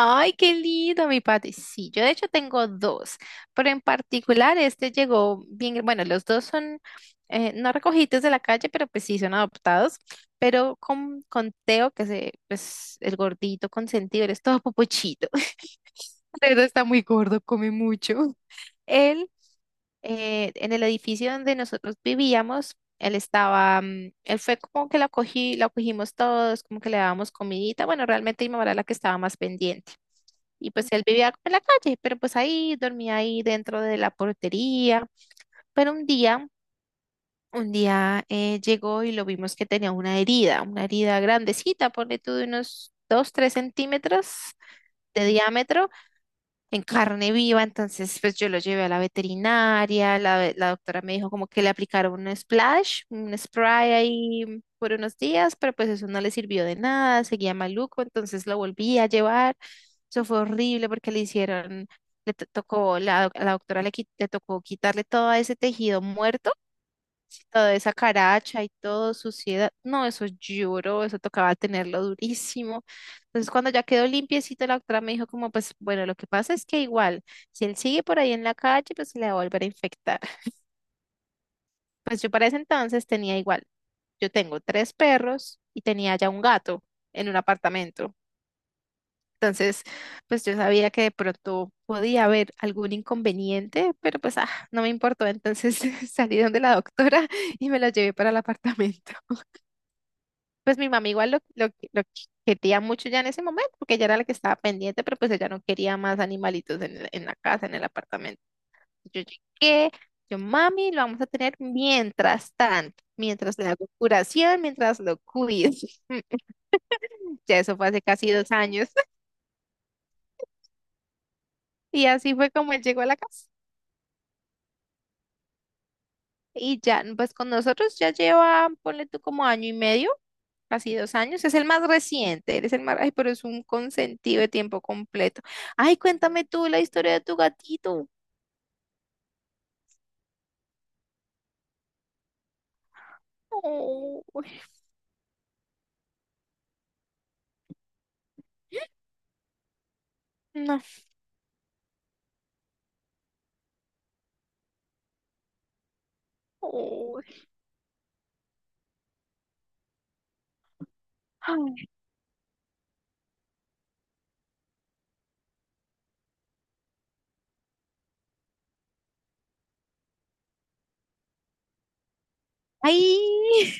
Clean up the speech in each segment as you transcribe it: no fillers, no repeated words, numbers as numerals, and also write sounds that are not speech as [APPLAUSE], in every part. Ay, qué lindo, mi Pati. Sí, yo de hecho tengo dos, pero en particular este llegó bien, bueno, los dos son no recogidos de la calle, pero pues sí son adoptados, pero con Teo, que se, pues el gordito consentido, él es todo popochito, [LAUGHS] de está muy gordo, come mucho. Él, en el edificio donde nosotros vivíamos, él estaba, él fue como que lo acogí, lo acogimos todos, como que le dábamos comidita, bueno, realmente mi mamá era la que estaba más pendiente. Y pues él vivía en la calle, pero pues ahí dormía ahí dentro de la portería. Pero un día llegó y lo vimos que tenía una herida grandecita, ponle tú de unos 2 3 centímetros de diámetro en carne viva, entonces pues yo lo llevé a la veterinaria, la, la doctora me dijo como que le aplicaron un splash, un spray ahí por unos días, pero pues eso no le sirvió de nada, seguía maluco, entonces lo volví a llevar, eso fue horrible porque le hicieron, tocó, la, a la doctora le, le tocó quitarle todo ese tejido muerto toda esa caracha y todo, suciedad. No, eso lloró, eso tocaba tenerlo durísimo. Entonces, cuando ya quedó limpiecito, la doctora me dijo como, pues, bueno, lo que pasa es que igual, si él sigue por ahí en la calle, pues se le va a volver a infectar. Pues yo para ese entonces tenía igual, yo tengo 3 perros y tenía ya un gato en un apartamento. Entonces, pues yo sabía que de pronto podía haber algún inconveniente, pero pues no me importó. Entonces [LAUGHS] salí donde la doctora y me la llevé para el apartamento. Pues mi mamá igual lo quería mucho ya en ese momento, porque ella era la que estaba pendiente, pero pues ella no quería más animalitos en, en la casa, en el apartamento. Yo llegué, yo, mami, lo vamos a tener mientras tanto, mientras le hago curación, mientras lo cuido. [LAUGHS] Ya eso fue hace casi 2 años. [LAUGHS] Y así fue como él llegó a la casa. Y ya, pues con nosotros ya lleva, ponle tú como año y medio, casi 2 años. Es el más reciente, eres el más, ay, pero es un consentido de tiempo completo. Ay, cuéntame tú la historia de tu gatito. Oh, no. Oh, ay, ay,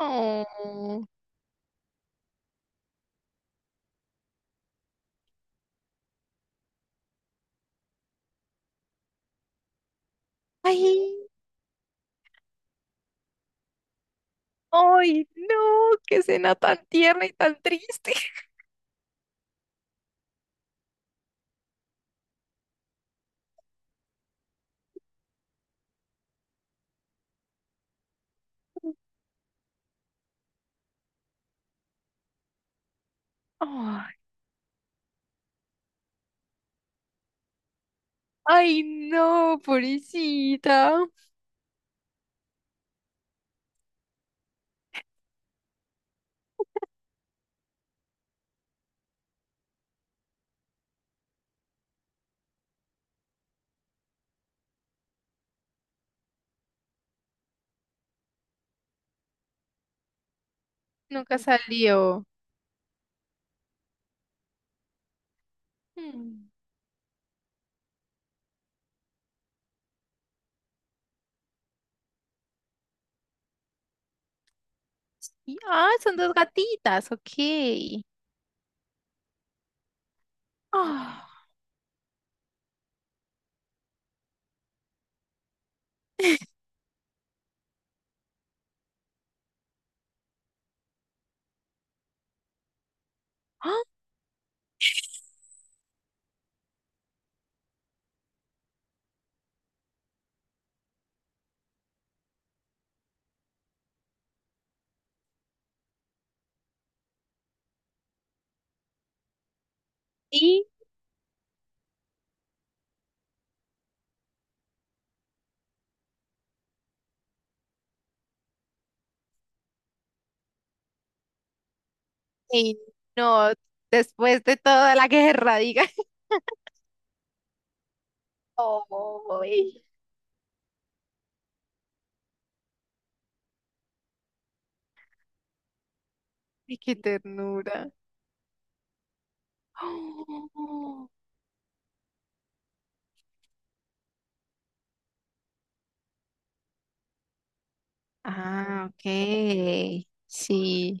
oh, ay, ay, no, qué cena tan tierna y tan triste. Ay, ay, no, pobrecita. Nunca salió. Mm. Y- Ah, son 2 gatitas, ok. Ah, ah, y, y no, después de toda la guerra, diga. [LAUGHS] ¡Ay! ¡Qué ternura! Oh. Ah, ok. Sí.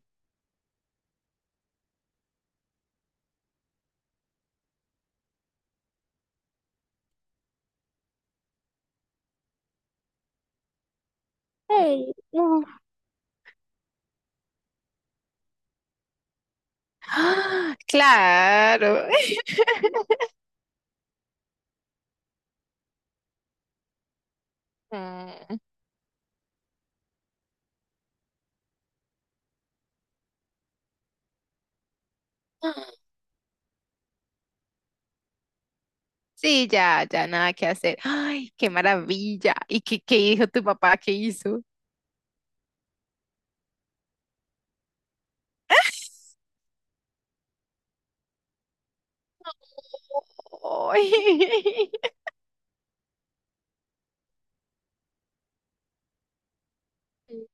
Ay, no. Ah, claro. [LAUGHS] Mm. Sí, ya, ya nada que hacer. Ay, qué maravilla. ¿Y qué, qué dijo tu papá? ¿Qué hizo? [LAUGHS] Ay.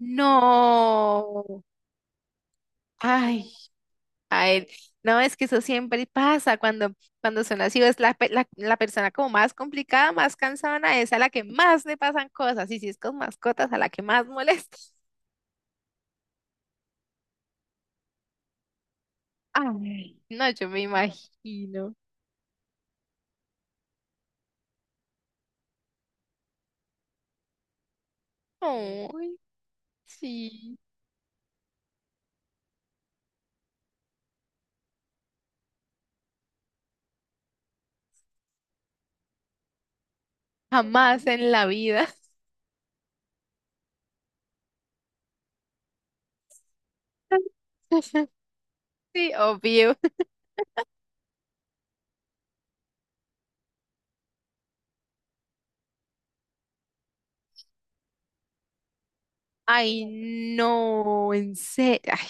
No. Ay, a él. No, es que eso siempre pasa cuando, cuando son así. Es la, la, la persona como más complicada, más cansada, es a la que más le pasan cosas. Y si es con mascotas, a la que más molesta. [LAUGHS] Ay, no, yo me imagino. Ay, sí. Jamás en la vida. [LAUGHS] Sí, obvio. Ay, no, en serio. Ay,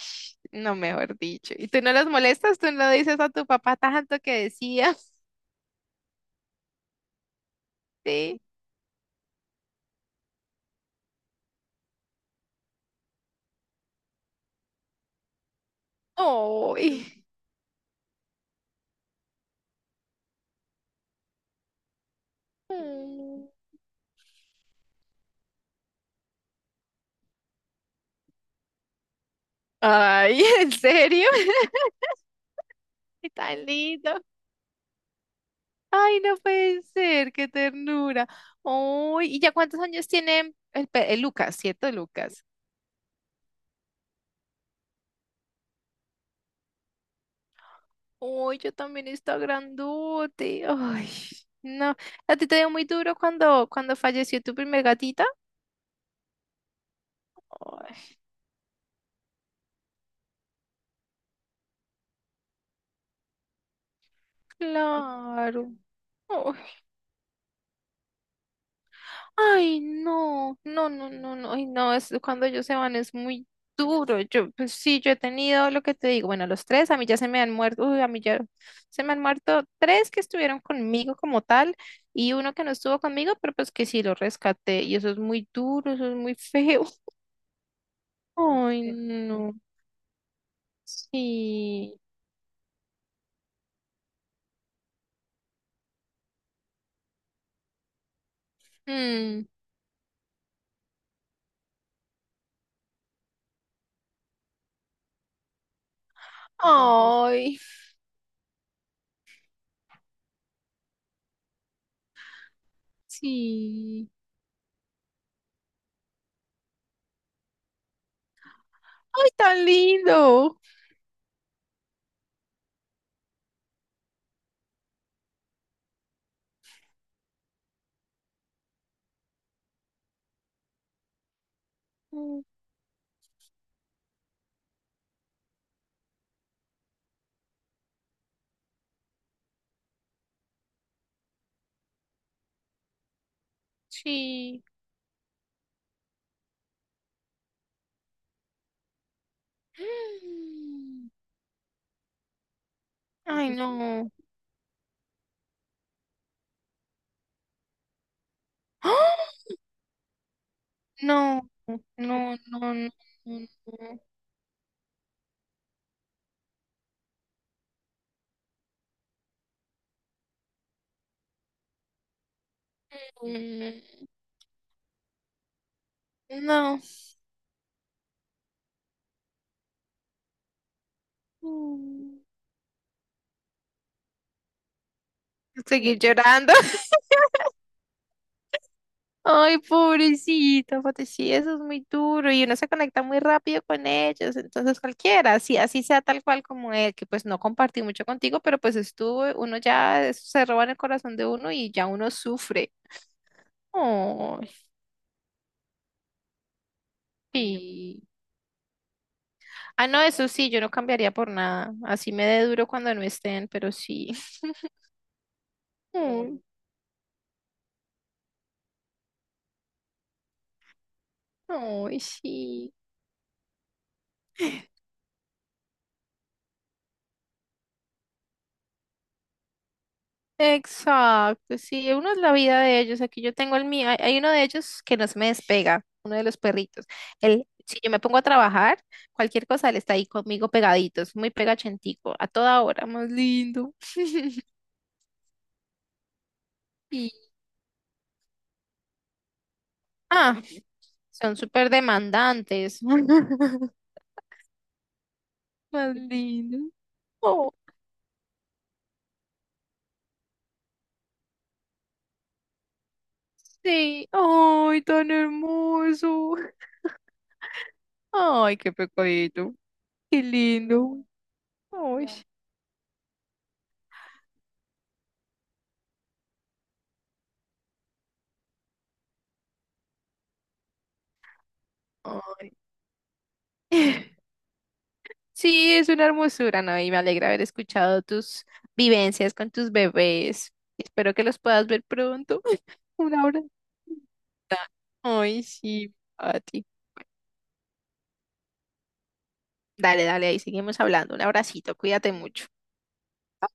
no, mejor dicho. ¿Y tú no los molestas? ¿Tú no dices a tu papá tanto que decía? Sí. ¡Ay! Mm. Ay, [LAUGHS] ¿en serio? [LAUGHS] ¡Qué tan lindo! Ay, no puede ser, qué ternura. Ay, ¿y ya cuántos años tiene el, el Lucas, cierto, Lucas? Ay, yo también está grandote. Ay, no. ¿A ti te dio muy duro cuando, cuando falleció tu primer gatita? Ay, claro. Ay, no, no, no, no, no, ay, no, es cuando ellos se van es muy duro. Yo, pues sí, yo he tenido lo que te digo, bueno, los tres, a mí ya se me han muerto, uy, a mí ya se me han muerto 3 que estuvieron conmigo como tal y uno que no estuvo conmigo, pero pues que sí lo rescaté y eso es muy duro, eso es muy [LAUGHS] feo. Ay, no, sí. Mm. Ay, sí. Ay, tan lindo. Mm. Sí. [GASPS] Mm. Ay, no. ¡Ah! No, no, no, no, no, no, no. Seguir llorando. [LAUGHS] Ay, pobrecito, Fati, sí, eso es muy duro y uno se conecta muy rápido con ellos, entonces cualquiera, así, así sea tal cual como él, que pues no compartí mucho contigo, pero pues estuvo, uno ya eso se roba en el corazón de uno y ya uno sufre. Ay. Sí. Ah, no, eso sí, yo no cambiaría por nada. Así me dé duro cuando no estén, pero sí. Ay, sí. Exacto, sí, uno es la vida de ellos. Aquí yo tengo el mío. Hay uno de ellos que no se me despega, uno de los perritos. Él, si yo me pongo a trabajar, cualquier cosa, él está ahí conmigo pegadito, es muy pegachentico, a toda hora, más lindo. [LAUGHS] Y, ah, son súper demandantes. [LAUGHS] Más lindo. Oh, sí, ay, tan hermoso. Ay, qué pecadito, qué lindo. Ay, ay. [LAUGHS] Sí, es una hermosura, ¿no? Y me alegra haber escuchado tus vivencias con tus bebés. Espero que los puedas ver pronto. [LAUGHS] Un abrazo. Ay, sí, a ti. Dale, dale, ahí seguimos hablando. Un abracito, cuídate mucho.